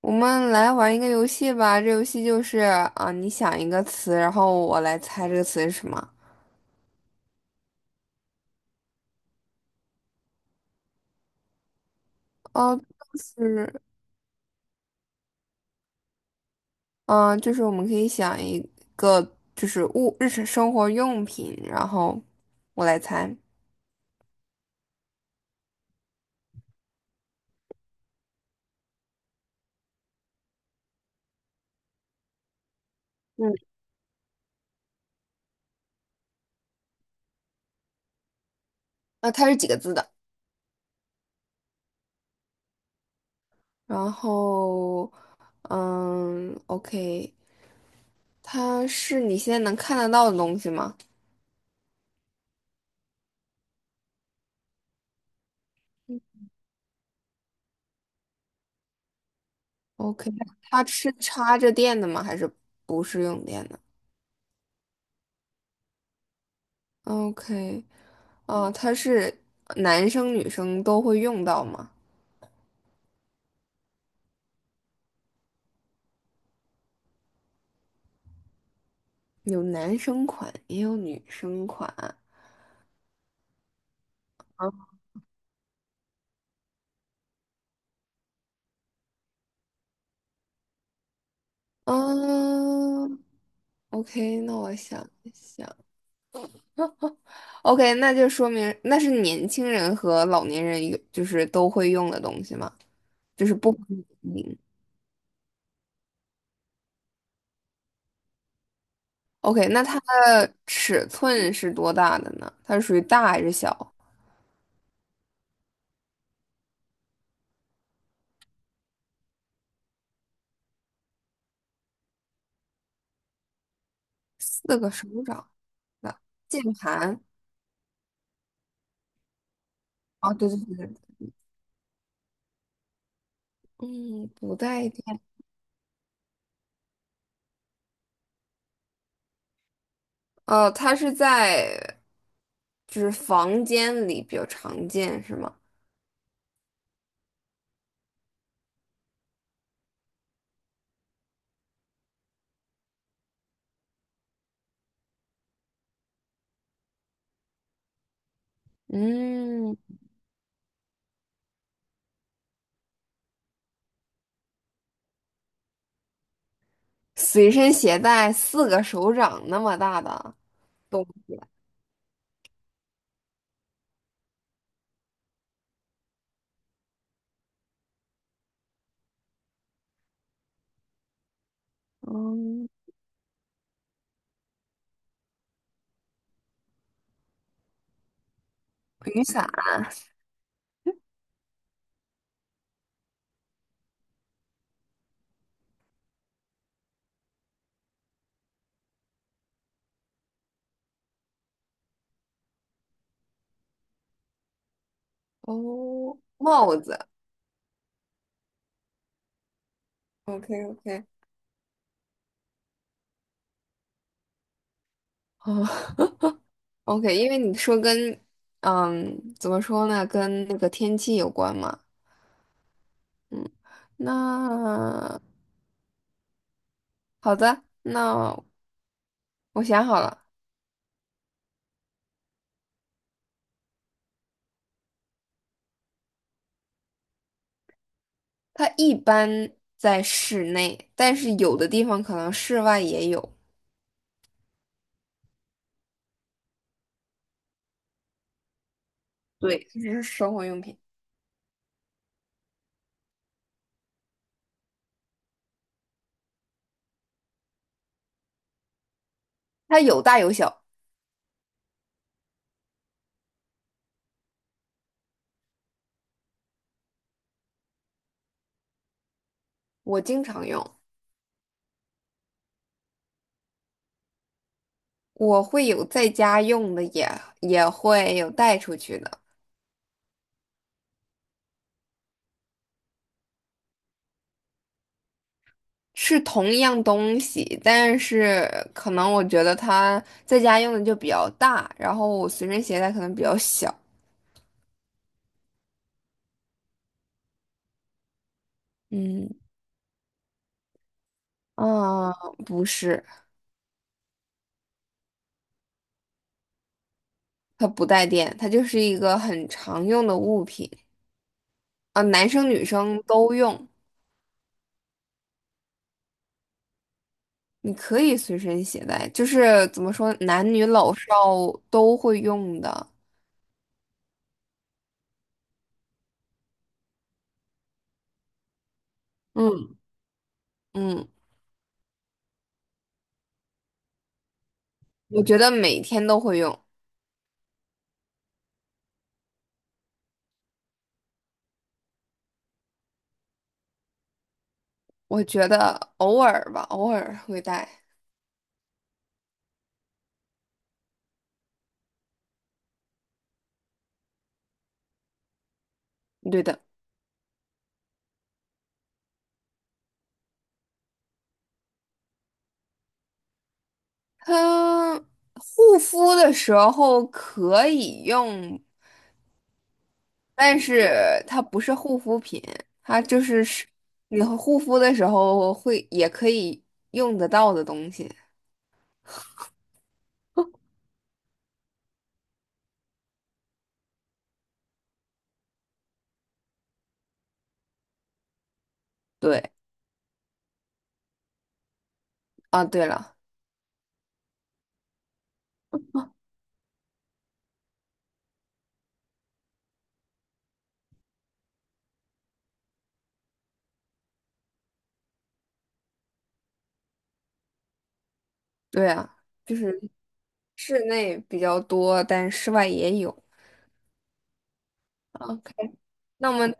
我们来玩一个游戏吧，这游戏就是你想一个词，然后我来猜这个词是什么。哦，就是我们可以想一个就是物日常生活用品，然后我来猜。嗯，它是几个字的？然后OK,它是你现在能看得到的东西吗？OK,它是插着电的吗？还是不是用电的？OK,哦，它是男生女生都会用到吗？有男生款，也有女生款。啊，嗯，OK,那我想一想，OK,那就说明那是年轻人和老年人有，就是都会用的东西嘛，就是不分年龄。 OK,那它的尺寸是多大的呢？它是属于大还是小？四个手掌的键盘。哦，对对对，对对，嗯，不带。哦，它是在就是房间里比较常见是吗？嗯，随身携带四个手掌那么大的东西，嗯，雨伞。哦，帽子，OK OK,哦 OK,因为你说跟嗯怎么说呢，跟那个天气有关嘛。那好的，那我想好了，它一般在室内，但是有的地方可能室外也有。对，这只是生活用品，它有大有小，我经常用，我会有在家用的也，也会有带出去的，是同一样东西，但是可能我觉得它在家用的就比较大，然后我随身携带可能比较小。嗯，啊，不是，它不带电，它就是一个很常用的物品啊，男生女生都用，你可以随身携带，就是怎么说，男女老少都会用的。嗯嗯，我觉得每天都会用，我觉得偶尔吧，偶尔会带。对的。它护肤的时候可以用，但是它不是护肤品，它就是你护肤的时候也可以用得到的东西。对啊，对了，对啊，就是室内比较多，但室外也有。OK,那我们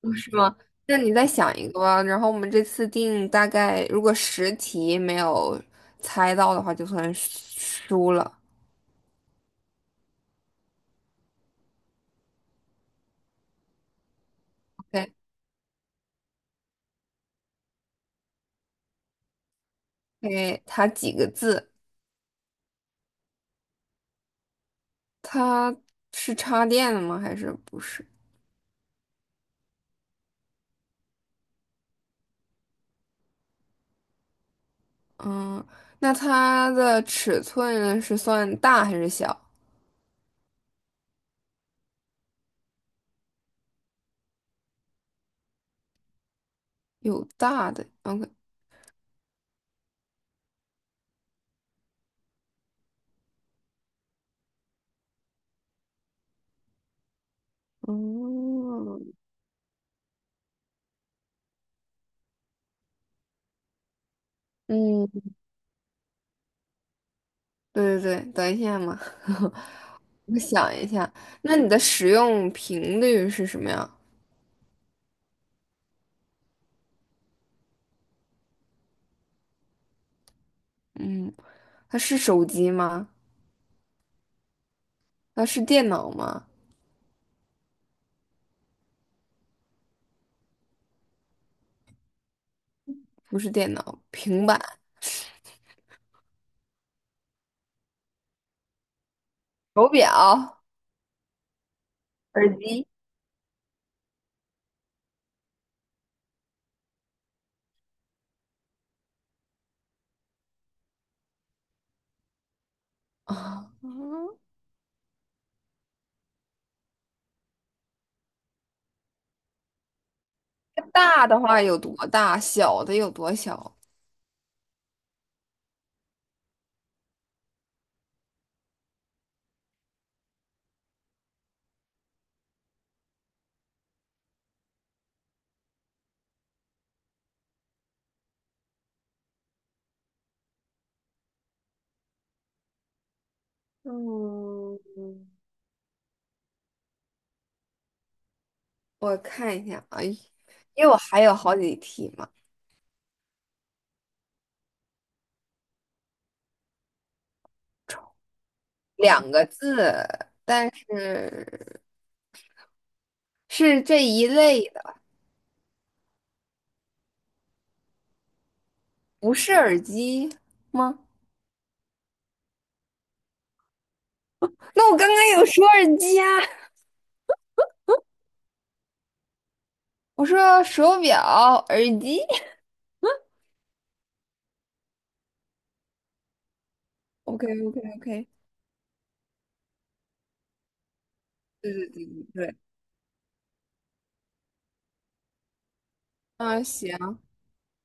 哦是吗？那你再想一个吧。然后我们这次定大概，如果10题没有猜到的话，就算输了。OK,诶它几个字？它是插电的吗？还是不是？嗯，那它的尺寸是算大还是小？有大的，OK,嗯嗯，对对对，等一下嘛，我想一下。那你的使用频率是什么呀？嗯，它是手机吗？它是电脑吗？不是电脑，平板、手表、耳机啊。嗯，大的话有多大？小的有多小？嗯，我看一下啊，因为我还有好几题嘛，两个字，但是是这一类的，不是耳机吗？那我刚刚有说耳机啊，我说手表、耳机。OK OK OK,对对对对，嗯，行，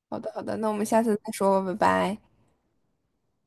好的，好的，那我们下次再说吧，拜拜。